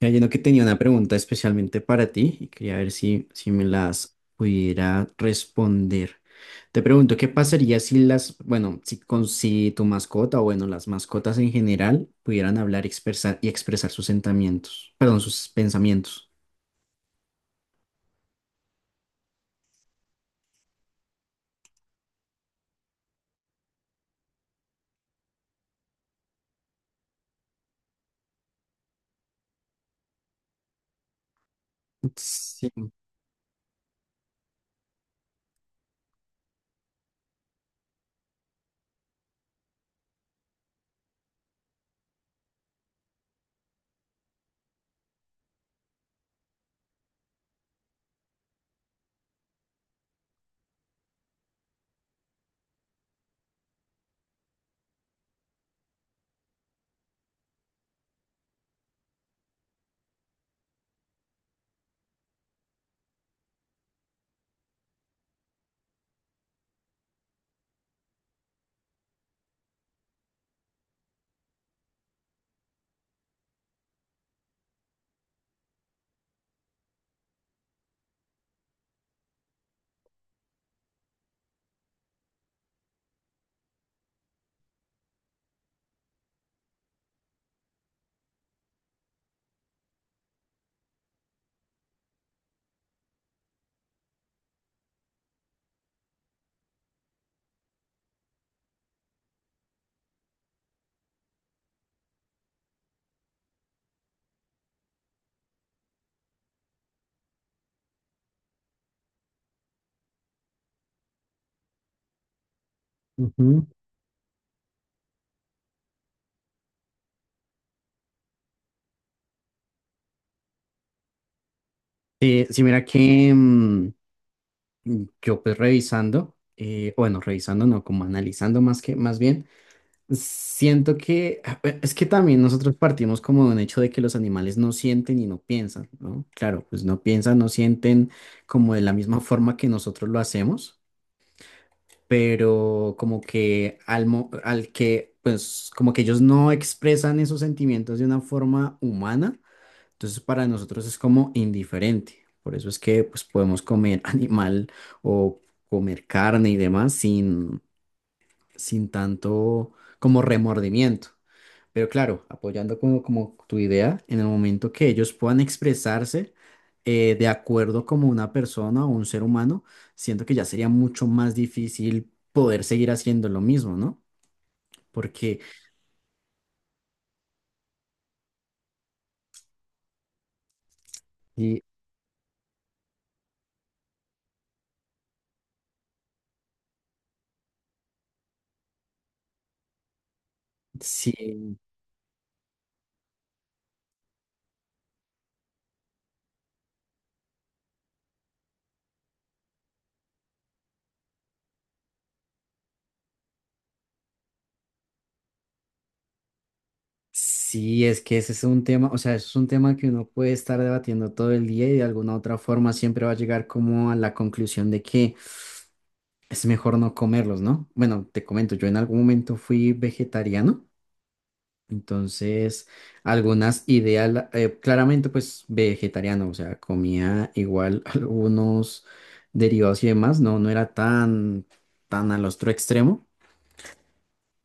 Mira, Lleno que tenía una pregunta especialmente para ti y quería ver si, me las pudiera responder. Te pregunto, ¿qué pasaría si las, bueno, si, con, si tu mascota o bueno, las mascotas en general pudieran hablar y expresar, sus sentimientos, perdón, sus pensamientos? Sí. Ujú. Sí, mira que yo pues revisando, bueno, revisando no, como analizando más que, más bien. Siento que es que también nosotros partimos como de un hecho de que los animales no sienten y no piensan, ¿no? Claro, pues no piensan, no sienten como de la misma forma que nosotros lo hacemos, pero como que al, mo- al que, pues como que ellos no expresan esos sentimientos de una forma humana, entonces para nosotros es como indiferente. Por eso es que pues podemos comer animal o comer carne y demás sin, sin tanto como remordimiento. Pero claro, apoyando como, como tu idea, en el momento que ellos puedan expresarse de acuerdo como una persona o un ser humano, siento que ya sería mucho más difícil poder seguir haciendo lo mismo, ¿no? Porque y, si, si es que ese es un tema, o sea, es un tema que uno puede estar debatiendo todo el día y de alguna otra forma siempre va a llegar como a la conclusión de que es mejor no comerlos, ¿no? Bueno, te comento, yo en algún momento fui vegetariano. Entonces, algunas ideas, la- claramente pues vegetariano, o sea, comía igual algunos derivados y demás, no, no era tan, tan al otro extremo,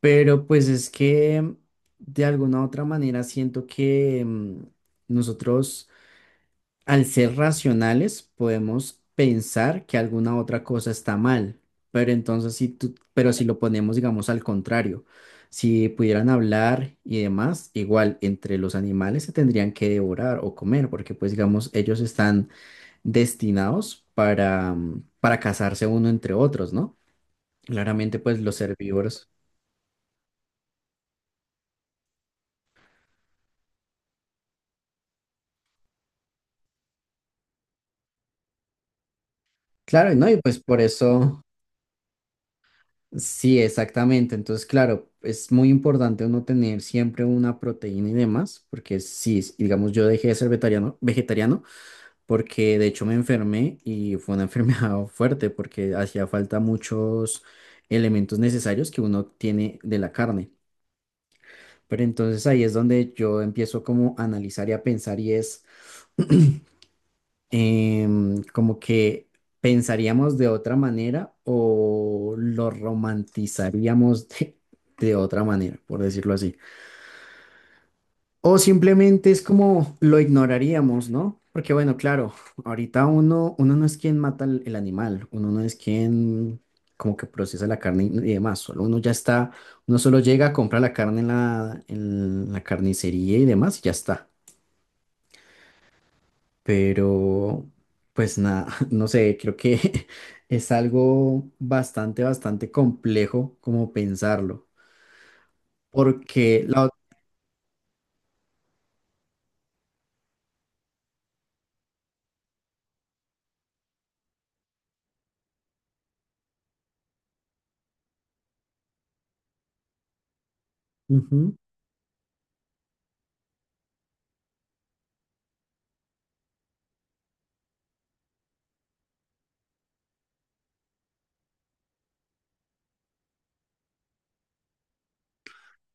pero pues es que de alguna u otra manera siento que nosotros al ser racionales, podemos pensar que alguna otra cosa está mal, pero entonces si tú, pero si lo ponemos, digamos, al contrario, si pudieran hablar y demás, igual entre los animales se tendrían que devorar o comer, porque pues digamos, ellos están destinados para, para cazarse uno entre otros, ¿no? Claramente pues los herbívoros. Claro, ¿no? Y pues por eso... Sí, exactamente. Entonces, claro, es muy importante uno tener siempre una proteína y demás, porque sí, s- digamos, yo dejé de ser vegetariano, vegetariano, porque de hecho me enfermé y fue una enfermedad fuerte porque hacía falta muchos elementos necesarios que uno tiene de la carne. Pero entonces ahí es donde yo empiezo como a analizar y a pensar y es... como que pensaríamos de otra manera o lo romantizaríamos de otra manera, por decirlo así. O simplemente es como lo ignoraríamos, ¿no? Porque bueno, claro, ahorita uno, uno no es quien mata el animal, uno no es quien como que procesa la carne y demás, solo uno ya está, uno solo llega a comprar la carne en la carnicería y demás y ya está. Pero, pues nada, no sé, creo que es algo bastante, bastante complejo como pensarlo, porque la... ot- Ujú,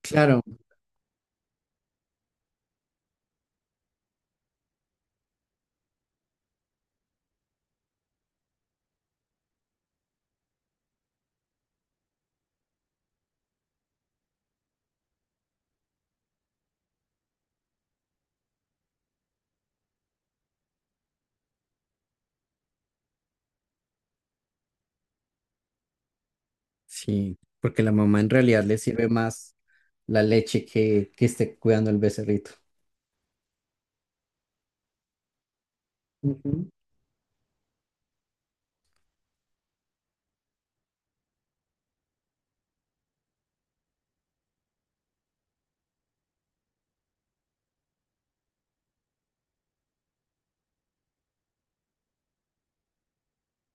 claro, sí, porque la mamá en realidad le sirve más la leche que esté cuidando el becerrito. Ujú,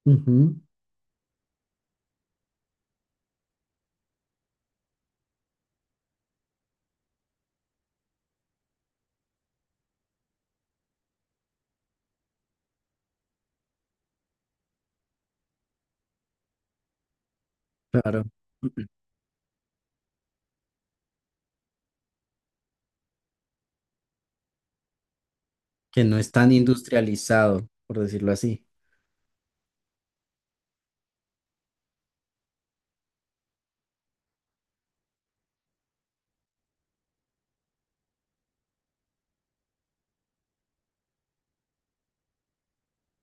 ujú, claro, que no es tan industrializado, por decirlo así.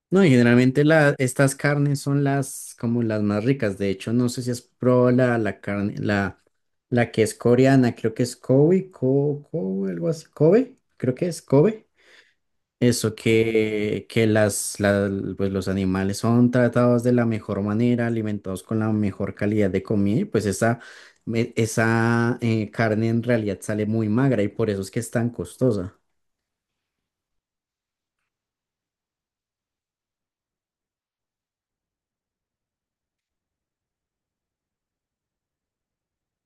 No, y generalmente la, estas carnes son las como las más ricas. De hecho, no sé si has probado la, la carne, la que es coreana, creo que es Kobe, Ko- Kobe, algo así. Kobe, creo que es Kobe. Eso que las, la- pues los animales son tratados de la mejor manera, alimentados con la mejor calidad de comida, y pues esa, me- esa carne en realidad sale muy magra y por eso es que es tan costosa.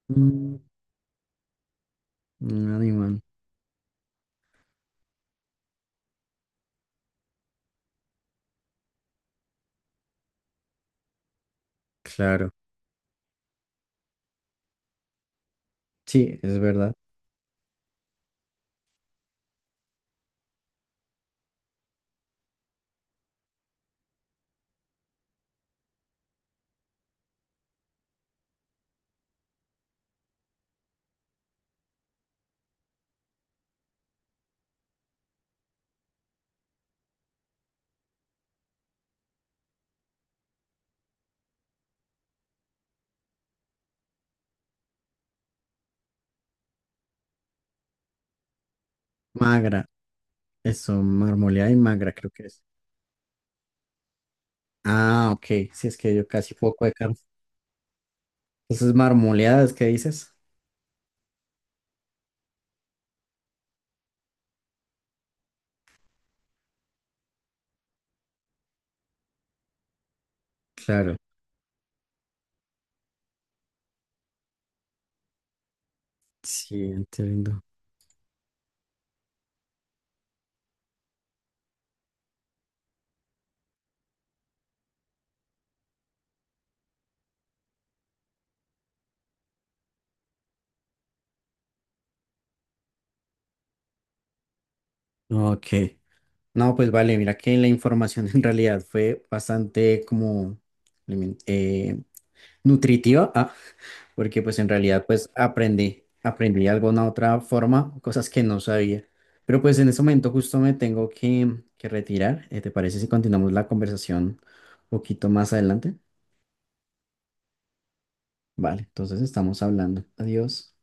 Mm, un animal, claro. Sí, es verdad. Magra. Eso, marmoleada y magra, creo que es. Ah, ok. Sí, es que yo casi poco de carne. Entonces, marmoleadas, ¿qué dices? Claro. Sí, entiendo. Ok. No, pues vale, mira que la información en realidad fue bastante como alimen- nutritiva, ah, porque pues en realidad pues aprendí, aprendí de alguna otra forma, cosas que no sabía. Pero pues en este momento justo me tengo que retirar. ¿Te parece si continuamos la conversación un poquito más adelante? Vale, entonces estamos hablando. Adiós.